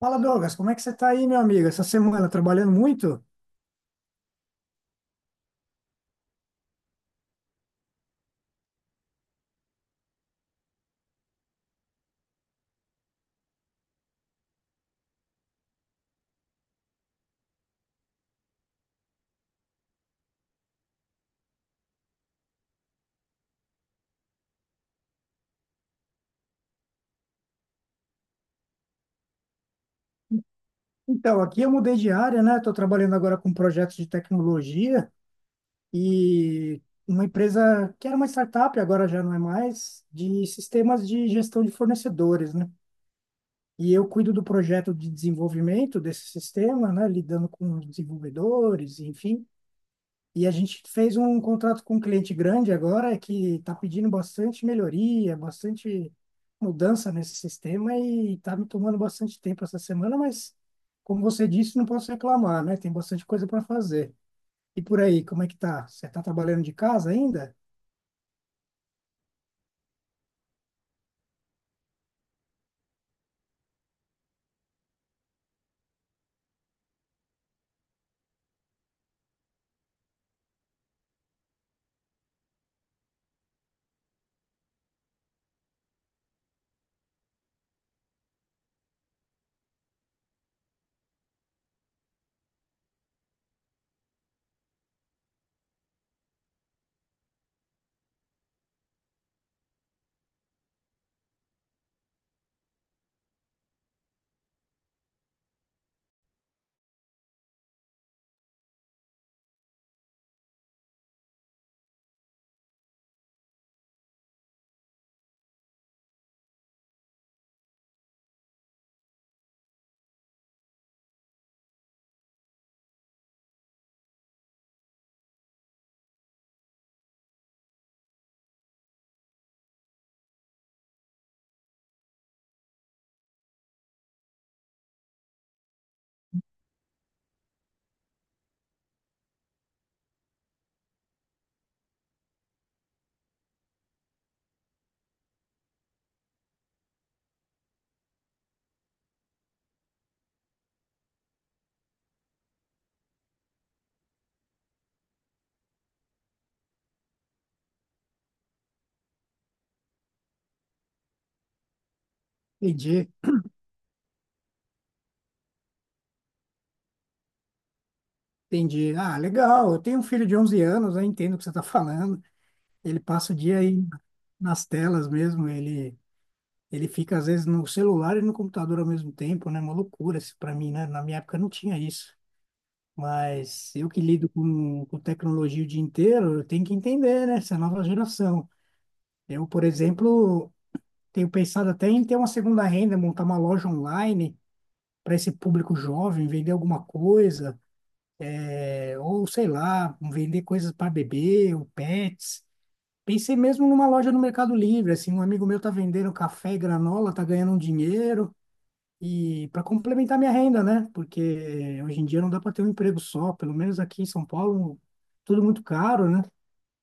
Fala, Douglas, como é que você está aí, meu amigo? Essa semana trabalhando muito? Então, aqui eu mudei de área, né? Estou trabalhando agora com projetos de tecnologia e uma empresa que era uma startup, agora já não é mais, de sistemas de gestão de fornecedores, né? E eu cuido do projeto de desenvolvimento desse sistema, né? Lidando com os desenvolvedores, enfim. E a gente fez um contrato com um cliente grande agora que está pedindo bastante melhoria, bastante mudança nesse sistema e está me tomando bastante tempo essa semana, mas como você disse, não posso reclamar, né? Tem bastante coisa para fazer. E por aí, como é que tá? Você está trabalhando de casa ainda? Entendi, entendi. Ah, legal. Eu tenho um filho de 11 anos, eu entendo o que você está falando. Ele passa o dia aí nas telas mesmo, ele fica, às vezes, no celular e no computador ao mesmo tempo, né? Uma loucura isso pra mim, né? Na minha época não tinha isso. Mas eu que lido com tecnologia o dia inteiro, eu tenho que entender, né? Essa nova geração. Eu, por exemplo, tenho pensado até em ter uma segunda renda, montar uma loja online para esse público jovem, vender alguma coisa, é, ou sei lá, vender coisas para bebê ou pets. Pensei mesmo numa loja no Mercado Livre, assim, um amigo meu tá vendendo café e granola, tá ganhando um dinheiro. E para complementar minha renda, né? Porque hoje em dia não dá para ter um emprego só, pelo menos aqui em São Paulo, tudo muito caro, né?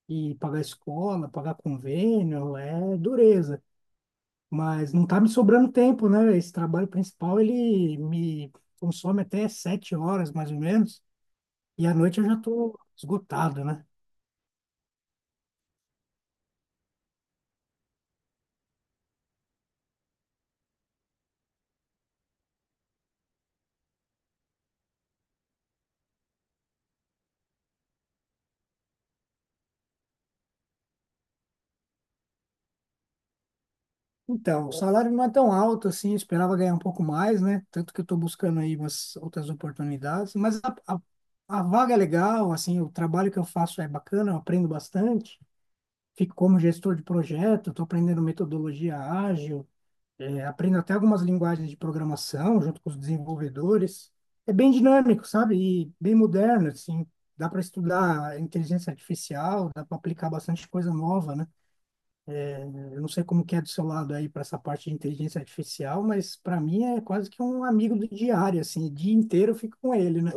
E pagar escola, pagar convênio, é dureza. Mas não tá me sobrando tempo, né? Esse trabalho principal, ele me consome até 7 horas, mais ou menos. E à noite eu já tô esgotado, né? Então, o salário não é tão alto assim, eu esperava ganhar um pouco mais, né? Tanto que eu estou buscando aí umas outras oportunidades, mas a vaga é legal, assim, o trabalho que eu faço é bacana, eu aprendo bastante, fico como gestor de projeto, estou aprendendo metodologia ágil, é, aprendo até algumas linguagens de programação junto com os desenvolvedores. É bem dinâmico, sabe? E bem moderno, assim, dá para estudar inteligência artificial, dá para aplicar bastante coisa nova, né? Eu não sei como que é do seu lado aí para essa parte de inteligência artificial, mas para mim é quase que um amigo do diário, assim, o dia inteiro eu fico com ele, né?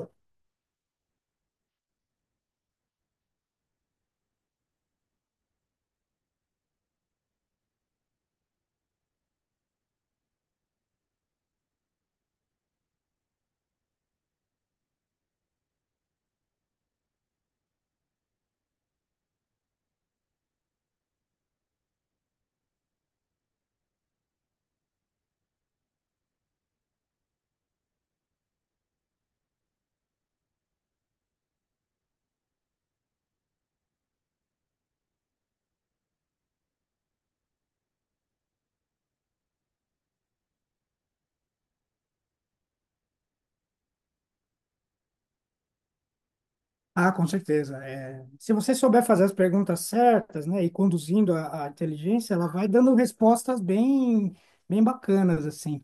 Ah, com certeza. É, se você souber fazer as perguntas certas, né, e conduzindo a inteligência, ela vai dando respostas bem, bem bacanas, assim.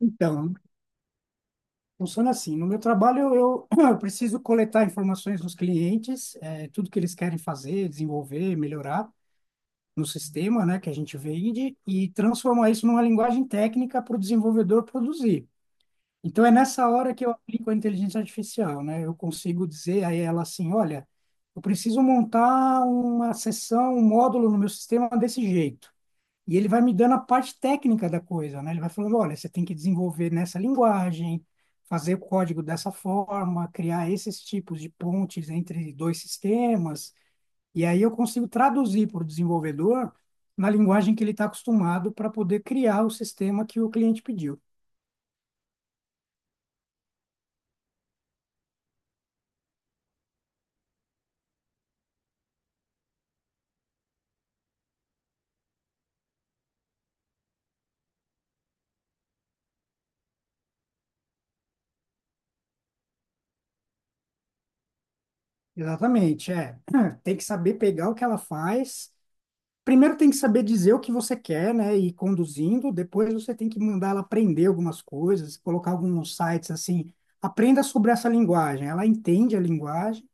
Então, funciona assim. No meu trabalho, eu, eu preciso coletar informações dos clientes, é, tudo que eles querem fazer, desenvolver, melhorar. No sistema, né, que a gente vende e transformar isso numa linguagem técnica para o desenvolvedor produzir. Então é nessa hora que eu aplico a inteligência artificial, né? Eu consigo dizer a ela assim, olha, eu preciso montar uma seção, um módulo no meu sistema desse jeito. E ele vai me dando a parte técnica da coisa, né? Ele vai falando, olha, você tem que desenvolver nessa linguagem, fazer o código dessa forma, criar esses tipos de pontes entre dois sistemas. E aí eu consigo traduzir para o desenvolvedor na linguagem que ele está acostumado para poder criar o sistema que o cliente pediu. Exatamente, é. Tem que saber pegar o que ela faz. Primeiro tem que saber dizer o que você quer, né, e ir conduzindo. Depois você tem que mandar ela aprender algumas coisas, colocar alguns sites assim, aprenda sobre essa linguagem. Ela entende a linguagem.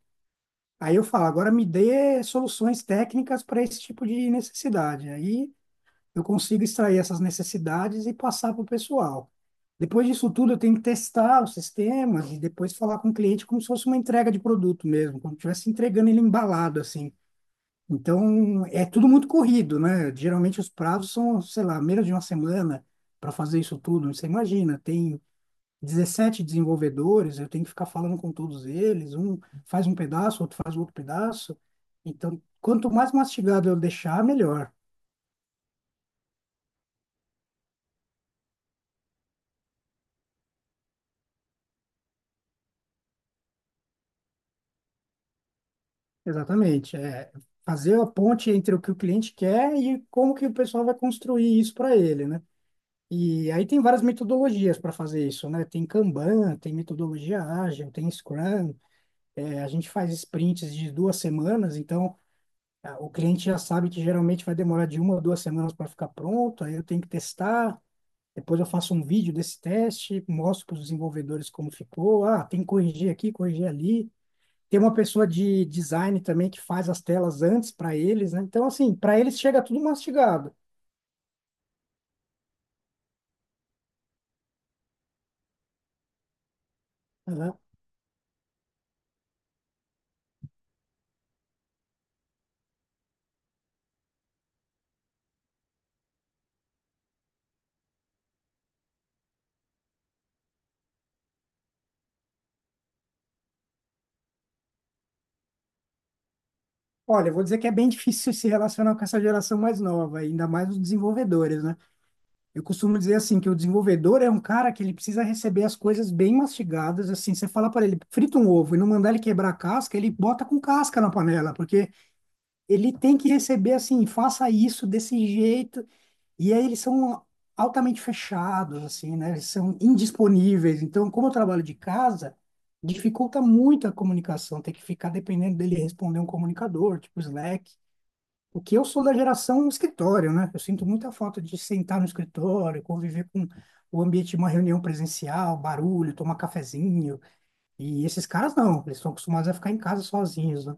Aí eu falo, agora me dê soluções técnicas para esse tipo de necessidade. Aí eu consigo extrair essas necessidades e passar para o pessoal. Depois disso tudo, eu tenho que testar os sistemas e depois falar com o cliente como se fosse uma entrega de produto mesmo, como se estivesse entregando ele embalado, assim. Então, é tudo muito corrido, né? Geralmente os prazos são, sei lá, menos de uma semana para fazer isso tudo. Você imagina, tem 17 desenvolvedores, eu tenho que ficar falando com todos eles, um faz um pedaço, outro faz outro pedaço. Então, quanto mais mastigado eu deixar, melhor. Exatamente. É fazer a ponte entre o que o cliente quer e como que o pessoal vai construir isso para ele, né? E aí tem várias metodologias para fazer isso, né? Tem Kanban, tem metodologia ágil, tem Scrum. É, a gente faz sprints de duas semanas, então o cliente já sabe que geralmente vai demorar de uma a duas semanas para ficar pronto, aí eu tenho que testar. Depois eu faço um vídeo desse teste, mostro para os desenvolvedores como ficou. Ah, tem que corrigir aqui, corrigir ali. Tem uma pessoa de design também que faz as telas antes para eles, né? Então, assim, para eles chega tudo mastigado. Aham. Olha, eu vou dizer que é bem difícil se relacionar com essa geração mais nova, ainda mais os desenvolvedores, né? Eu costumo dizer assim que o desenvolvedor é um cara que ele precisa receber as coisas bem mastigadas, assim, você falar para ele, frita um ovo e não mandar ele quebrar a casca, ele bota com casca na panela, porque ele tem que receber assim, faça isso desse jeito. E aí eles são altamente fechados, assim, né? Eles são indisponíveis. Então, como eu trabalho de casa, dificulta muito a comunicação, ter que ficar dependendo dele responder um comunicador, tipo Slack. O que eu sou da geração escritório, né? Eu sinto muita falta de sentar no escritório, conviver com o ambiente de uma reunião presencial, barulho, tomar cafezinho. E esses caras não, eles estão acostumados a ficar em casa sozinhos, né?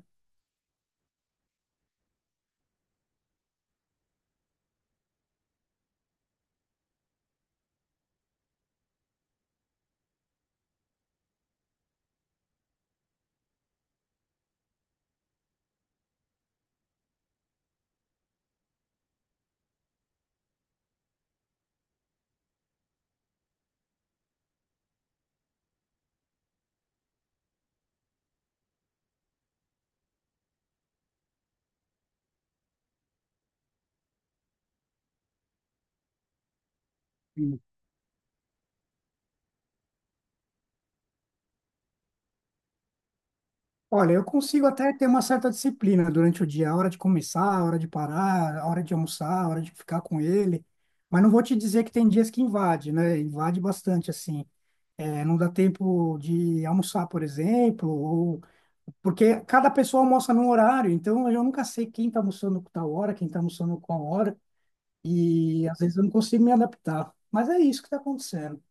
Olha, eu consigo até ter uma certa disciplina durante o dia, a hora de começar, a hora de parar, a hora de almoçar, a hora de ficar com ele. Mas não vou te dizer que tem dias que invade, né? Invade bastante, assim. É, não dá tempo de almoçar, por exemplo, ou porque cada pessoa almoça num horário, então eu nunca sei quem está almoçando com tal hora, quem está almoçando com qual hora, e às vezes eu não consigo me adaptar. Mas é isso que está acontecendo.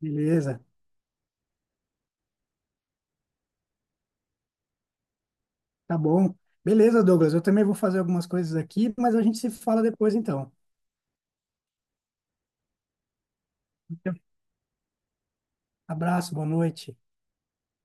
Beleza, tá bom. Beleza, Douglas, eu também vou fazer algumas coisas aqui, mas a gente se fala depois então. Abraço, boa noite.